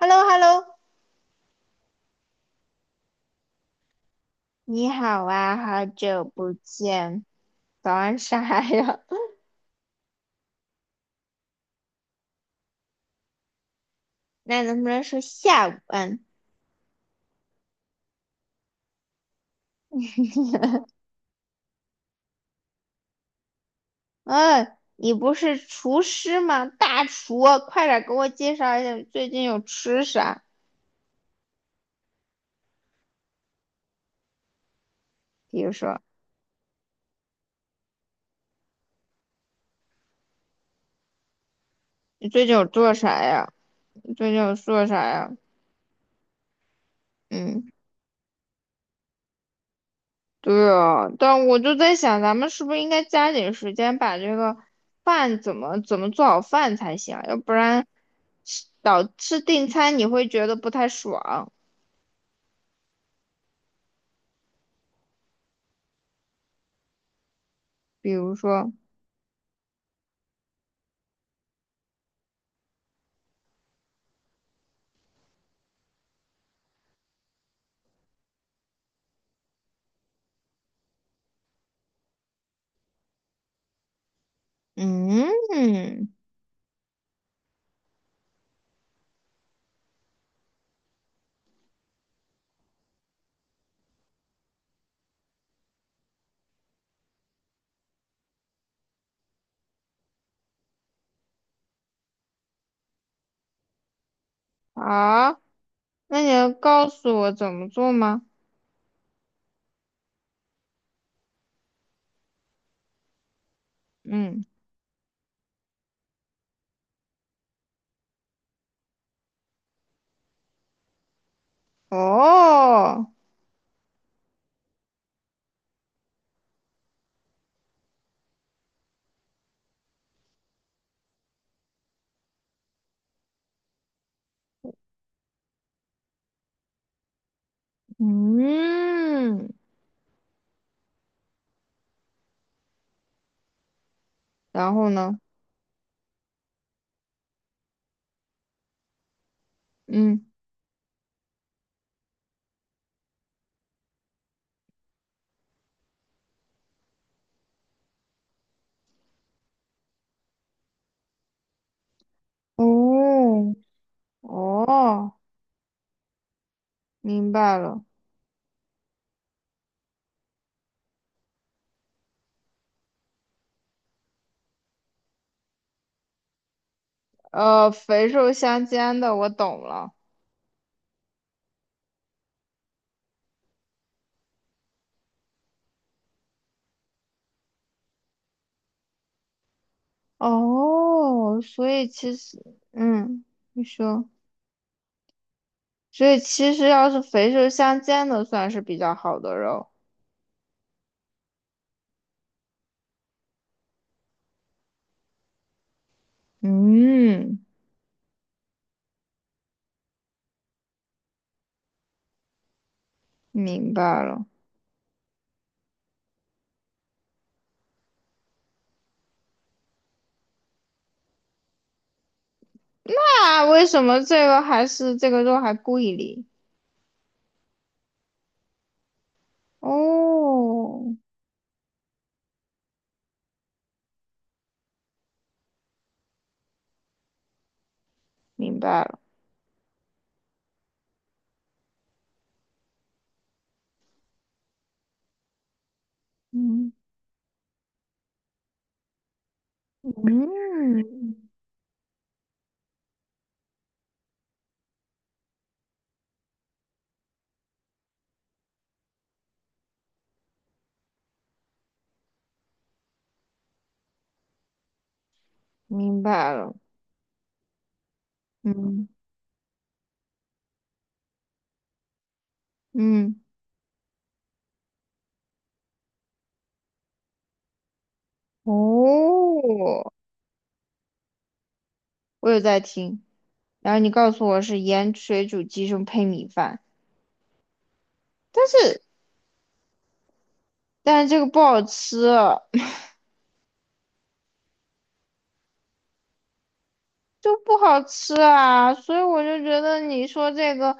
h e l l o h e l l o 你好啊，好久不见，早安啥呀？那能不能说下午安？嗯，你不是厨师吗？大厨啊，快点给我介绍一下你最近有吃啥？比如说你最近有做啥呀？你最近有做啥呀？嗯，对哦，但我就在想，咱们是不是应该加紧时间把这个饭怎么做好饭才行啊要不然吃订餐你会觉得不太爽。比如说，嗯，好，那你能告诉我怎么做吗？嗯，哦，嗯，然后呢？嗯，哦，哦，明白了。肥瘦相间的，我懂了。哦，所以其实，嗯，你说，所以其实要是肥瘦相间的，算是比较好的肉。嗯，明白了。啊，为什么这个还是这个肉还贵哩？哦，明白了，嗯嗯，明白了，嗯嗯，哦，我有在听。然后你告诉我是盐水煮鸡胸配米饭，但是但是这个不好吃，就不好吃啊，所以我就觉得你说这个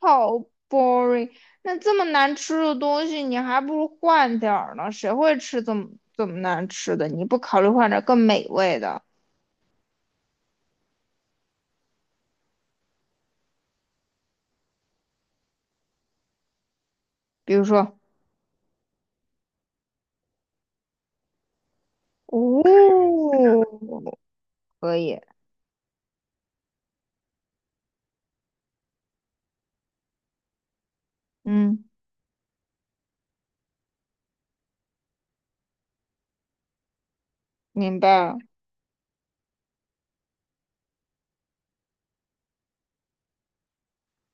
好 boring。那这么难吃的东西，你还不如换点儿呢。谁会吃这么难吃的？你不考虑换点儿更美味的，比如说，哦，可以，嗯，明白了，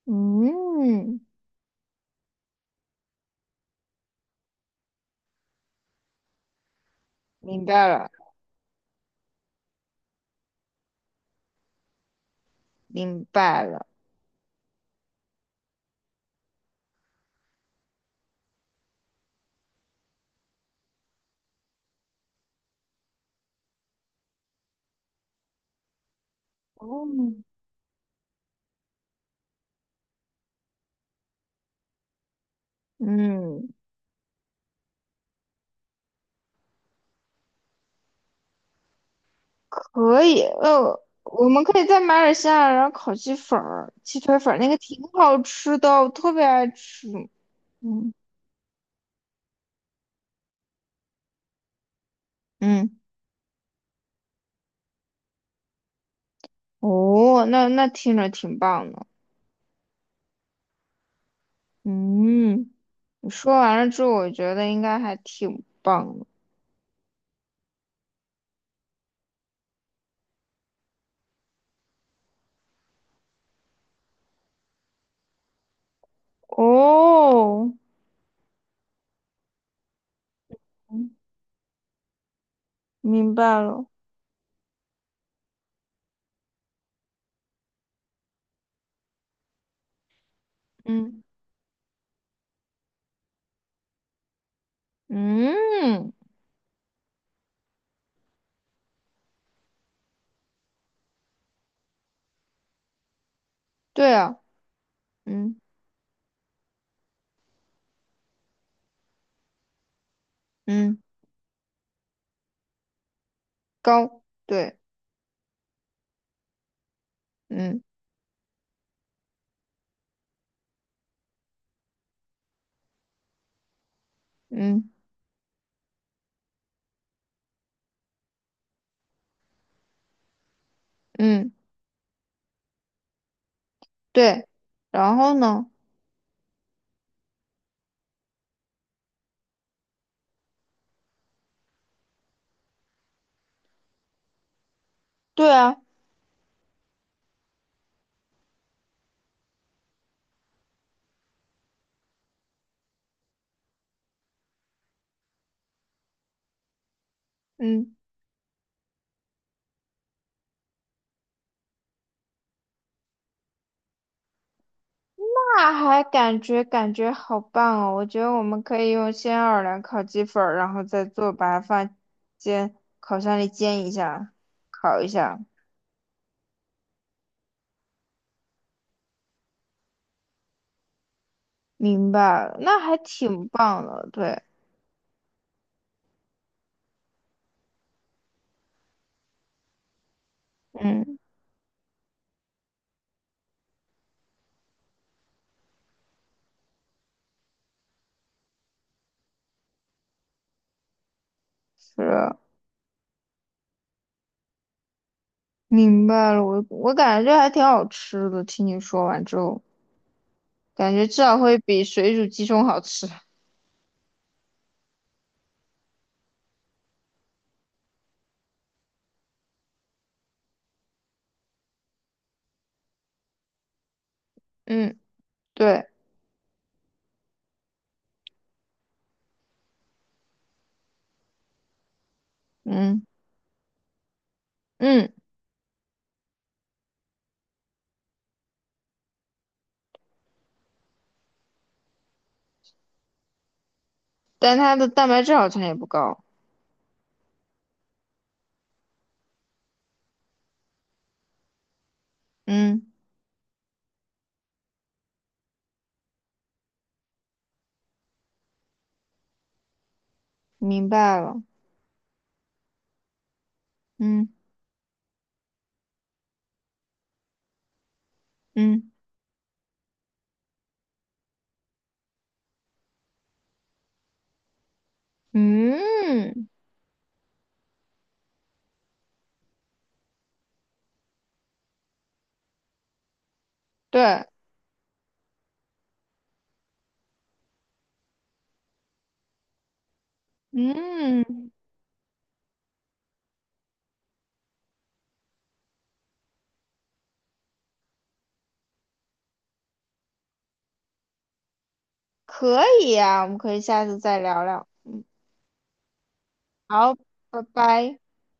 嗯，明白了，明白了，哦，嗯。可以，我们可以再买点西亚，然后烤鸡粉儿、鸡腿粉儿，那个挺好吃的，我特别爱吃。嗯嗯，哦，那听着挺棒的。嗯，你说完了之后，我觉得应该还挺棒的。哦，嗯明白了。嗯嗯，对啊，嗯嗯，高，对，嗯嗯嗯，对。然后呢？对啊，嗯。那还感觉好棒哦！我觉得我们可以用鲜奥尔良烤鸡粉儿，然后再做，白饭，煎烤箱里煎一下，烤一下。明白了，那还挺棒的。对，嗯，是明白了。我感觉这还挺好吃的。听你说完之后，感觉至少会比水煮鸡胸好吃。嗯，对，嗯嗯，但它的蛋白质好像也不高。嗯，明白了。嗯嗯。嗯对，嗯，可以啊，我们可以下次再聊聊。好，拜拜。